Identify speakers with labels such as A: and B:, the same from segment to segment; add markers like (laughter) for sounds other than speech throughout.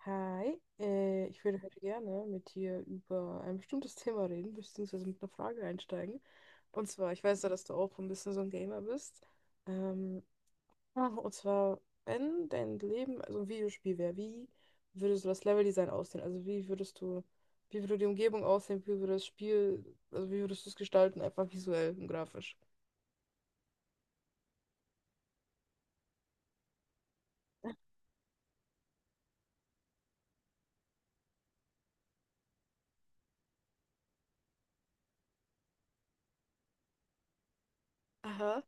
A: Hi, ich würde heute gerne mit dir über ein bestimmtes (laughs) Thema reden, beziehungsweise mit einer Frage einsteigen. Und zwar, ich weiß ja, dass du auch ein bisschen so ein Gamer bist. Ähm, und zwar, wenn dein Leben also ein Videospiel wäre, wie würde so das Leveldesign aussehen? Also wie würde die Umgebung aussehen, wie würde das Spiel, also wie würdest du es gestalten, einfach visuell und grafisch? Aha.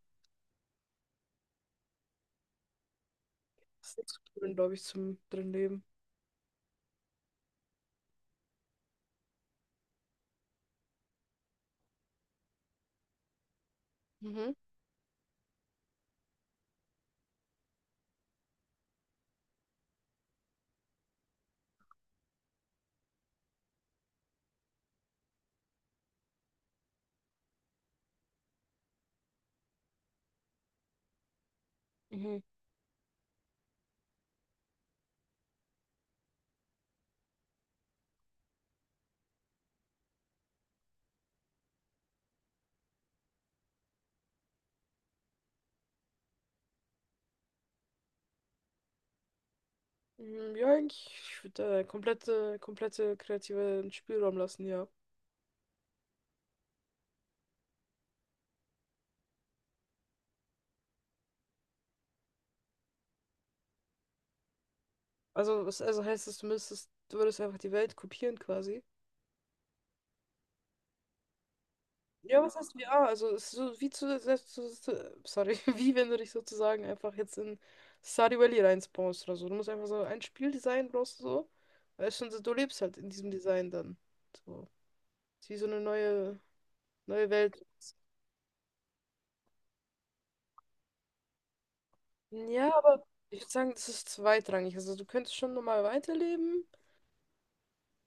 A: Das ist nicht so drin, glaube ich, zum drin Leben. Mhm. Mhm. Mm, ja, eigentlich, ich würde komplette kreativen Spielraum lassen, ja. Also, also heißt das, du würdest einfach die Welt kopieren quasi. Ja, was heißt ja? Also, es ist so wie zu, selbst zu, sorry, (laughs) wie wenn du dich sozusagen einfach jetzt in Stardew Valley reinspawnst oder so. Du musst einfach so ein Spieldesign brauchst du so. Weißt schon, so, du lebst halt in diesem Design dann. So. Ist wie so eine neue Welt. Ja, aber ich würde sagen, das ist zweitrangig. Also, du könntest schon normal weiterleben.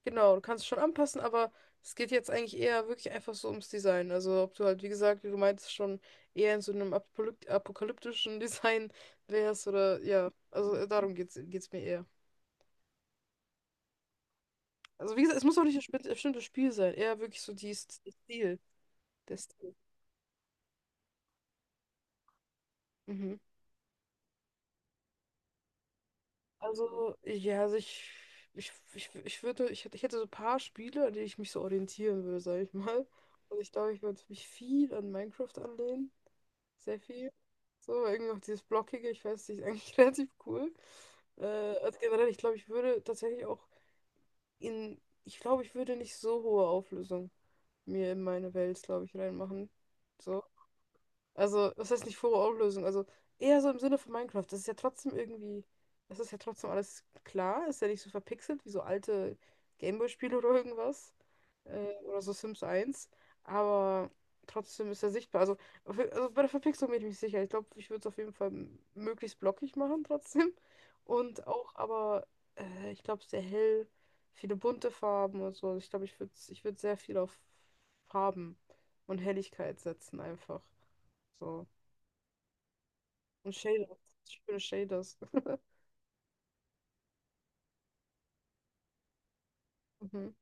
A: Genau, du kannst es schon anpassen, aber es geht jetzt eigentlich eher wirklich einfach so ums Design. Also ob du halt, wie gesagt, wie du meintest, schon eher in so einem apokalyptischen (laughs) Design wärst oder ja, also darum geht's mir eher. Also wie gesagt, es muss auch nicht bestimmtes Spiel sein, eher wirklich so der Stil. Der Stil. Mhm. Also, ja, ich würde, ich hätte so ein paar Spiele, an denen ich mich so orientieren würde, sage ich mal. Also ich glaube, ich würde mich viel an Minecraft anlehnen. Sehr viel. So, irgendwie auch dieses Blockige, ich weiß nicht, ist eigentlich (laughs) relativ cool. Also generell, ich glaube, ich würde tatsächlich auch ich glaube, ich würde nicht so hohe Auflösung mir in meine Welt, glaube ich, reinmachen. So. Also, was heißt nicht Furore-Auflösung? Also, eher so im Sinne von Minecraft. Das ist ja trotzdem irgendwie, das ist ja trotzdem alles klar. Ist ja nicht so verpixelt wie so alte Gameboy-Spiele oder irgendwas. Oder so Sims eins. Aber trotzdem ist er sichtbar. Also, also bei der Verpixelung bin ich mir nicht sicher. Ich glaube, ich würde es auf jeden Fall möglichst blockig machen (laughs) trotzdem. Und auch, aber ich glaube, sehr hell, viele bunte Farben und so. Ich glaube, ich würd sehr viel auf Farben und Helligkeit setzen einfach. So. Und Shaders. Ich spüre Shaders. (laughs) Mhm.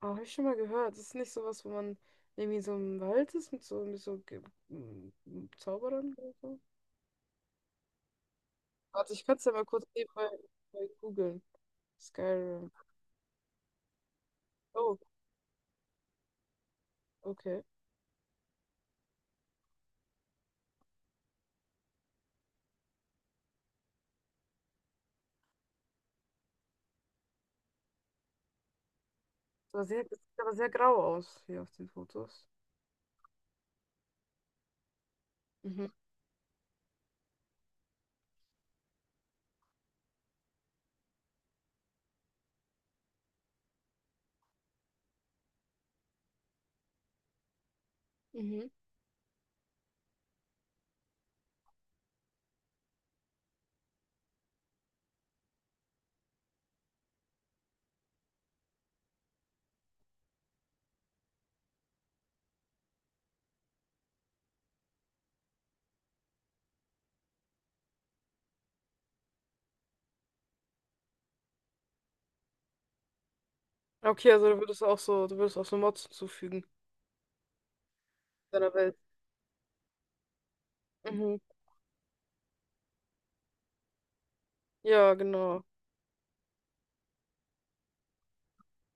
A: Aber habe ich schon mal gehört. Das ist nicht sowas, wo man irgendwie so im Wald ist mit mit so Zauberern oder so. Warte, ich kann es ja mal kurz nebenbei googeln. Skyrim. Oh, okay. Das sieht aber das sieht aber sehr grau aus hier auf den Fotos. Mhm. Mhm. Okay, also du würdest auch so Mods hinzufügen deiner Welt. Mhm. Ja, genau.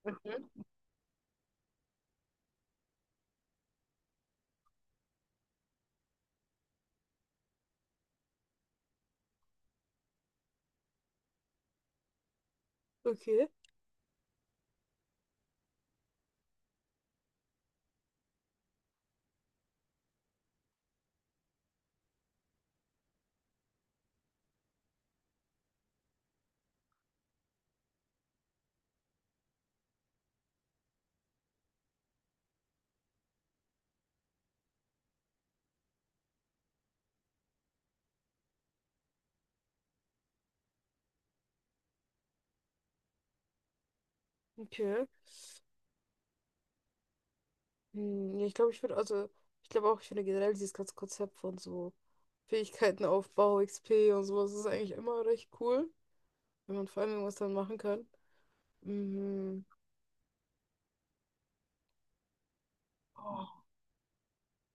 A: Mhm. Okay. Okay. Hm, ja, ich glaube auch, ich finde generell dieses ganze Konzept von so Fähigkeitenaufbau, XP und sowas ist eigentlich immer recht cool, wenn man vor allem irgendwas dann machen kann. Mhm. Oh,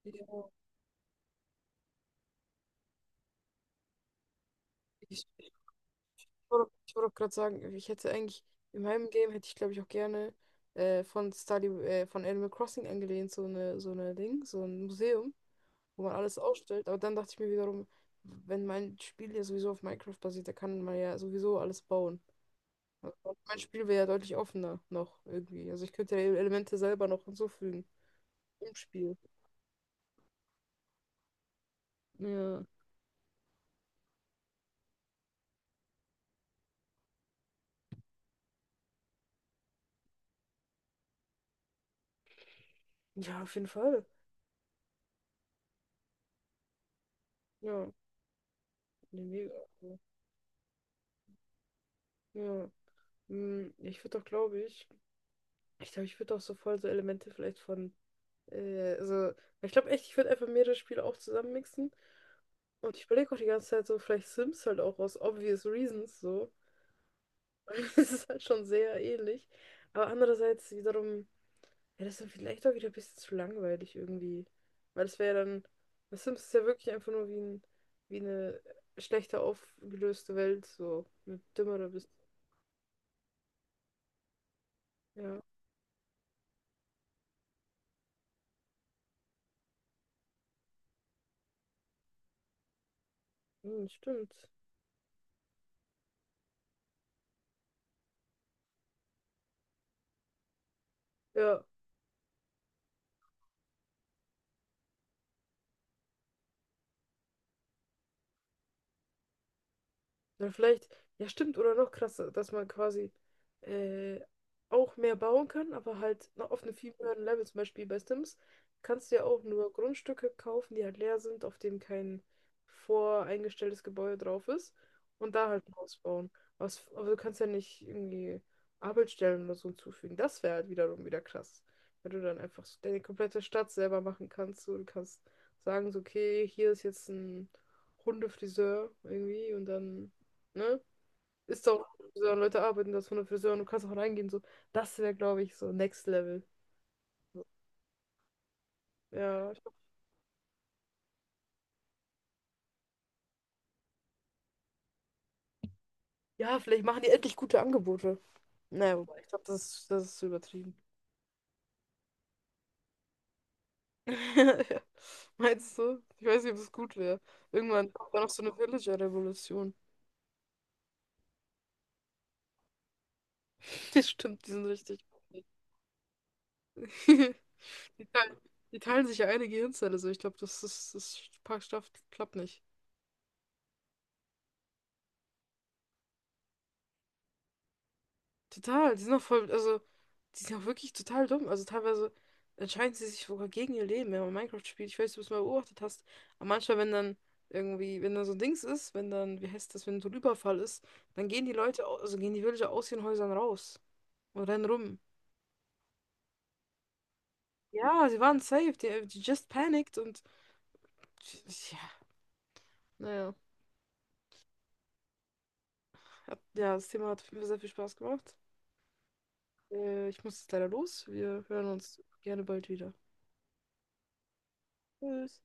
A: ja, ich, ich wollte auch gerade sagen, in meinem Game hätte ich, glaube ich, auch gerne von Animal Crossing angelehnt, so eine Ding, so ein Museum, wo man alles ausstellt. Aber dann dachte ich mir wiederum, wenn mein Spiel ja sowieso auf Minecraft basiert, da kann man ja sowieso alles bauen. Also mein Spiel wäre ja deutlich offener noch irgendwie. Also ich könnte ja Elemente selber noch hinzufügen im Spiel. Ja. Ja, auf jeden Fall. Ja, nee, mega. Also, ja. Mm, ich würde auch, glaube ich, ich glaube, ich würde auch so voll so Elemente äh, also, ich glaube echt, ich würde einfach mehrere Spiele auch zusammenmixen. Und ich überlege auch die ganze Zeit so, vielleicht Sims halt auch aus obvious reasons so. (laughs) Es ist halt schon sehr ähnlich. Aber andererseits wiederum. Ja, das ist dann vielleicht auch wieder ein bisschen zu langweilig irgendwie. Weil das wäre ja dann. The Sims ist ja wirklich einfach nur wie ein, wie eine schlechter aufgelöste Welt, so. Eine dümmere bist. Ja, hm, stimmt. Ja, dann vielleicht, ja stimmt, oder noch krasser, dass man quasi äh, auch mehr bauen kann, aber halt noch auf einem viel höheren Level, zum Beispiel bei Sims, kannst du ja auch nur Grundstücke kaufen, die halt leer sind, auf dem kein voreingestelltes Gebäude drauf ist und da halt ein Haus bauen. Was, aber du kannst ja nicht irgendwie Arbeitsstellen oder so hinzufügen. Das wäre halt wiederum wieder krass, wenn du dann einfach so deine komplette Stadt selber machen kannst. So, du kannst sagen, so, okay, hier ist jetzt ein Hundefriseur irgendwie und dann. Ne? Ist doch Friseur, Leute arbeiten da ohne Friseur und du kannst auch reingehen. So. Das wäre, glaube ich, so Next Level. So, ja, ja, vielleicht machen die endlich gute Angebote. Naja, wobei, ich glaube, das ist übertrieben. (laughs) Ja. Meinst du? Ich weiß nicht, ob es gut wäre. Irgendwann kommt da noch so eine Villager-Revolution. (laughs) Das stimmt, die sind richtig. (laughs) Die teilen, die teilen sich ja eine Gehirnzelle, so ich glaube, das ist, das pa- schafft- klappt nicht. Total, die sind auch wirklich total dumm. Also teilweise entscheiden sie sich sogar gegen ihr Leben, wenn man Minecraft spielt. Ich weiß nicht, ob du es mal beobachtet hast. Aber manchmal, wenn dann so ein Dings ist, wenn dann, wie heißt das, wenn so ein Überfall ist, dann gehen also gehen die Villager aus ihren Häusern raus und rennen rum. Ja, sie waren safe, die just panicked und ja, naja. Hat, ja, das Thema hat auf jeden Fall sehr viel Spaß gemacht. Ich muss jetzt leider los. Wir hören uns gerne bald wieder. Tschüss.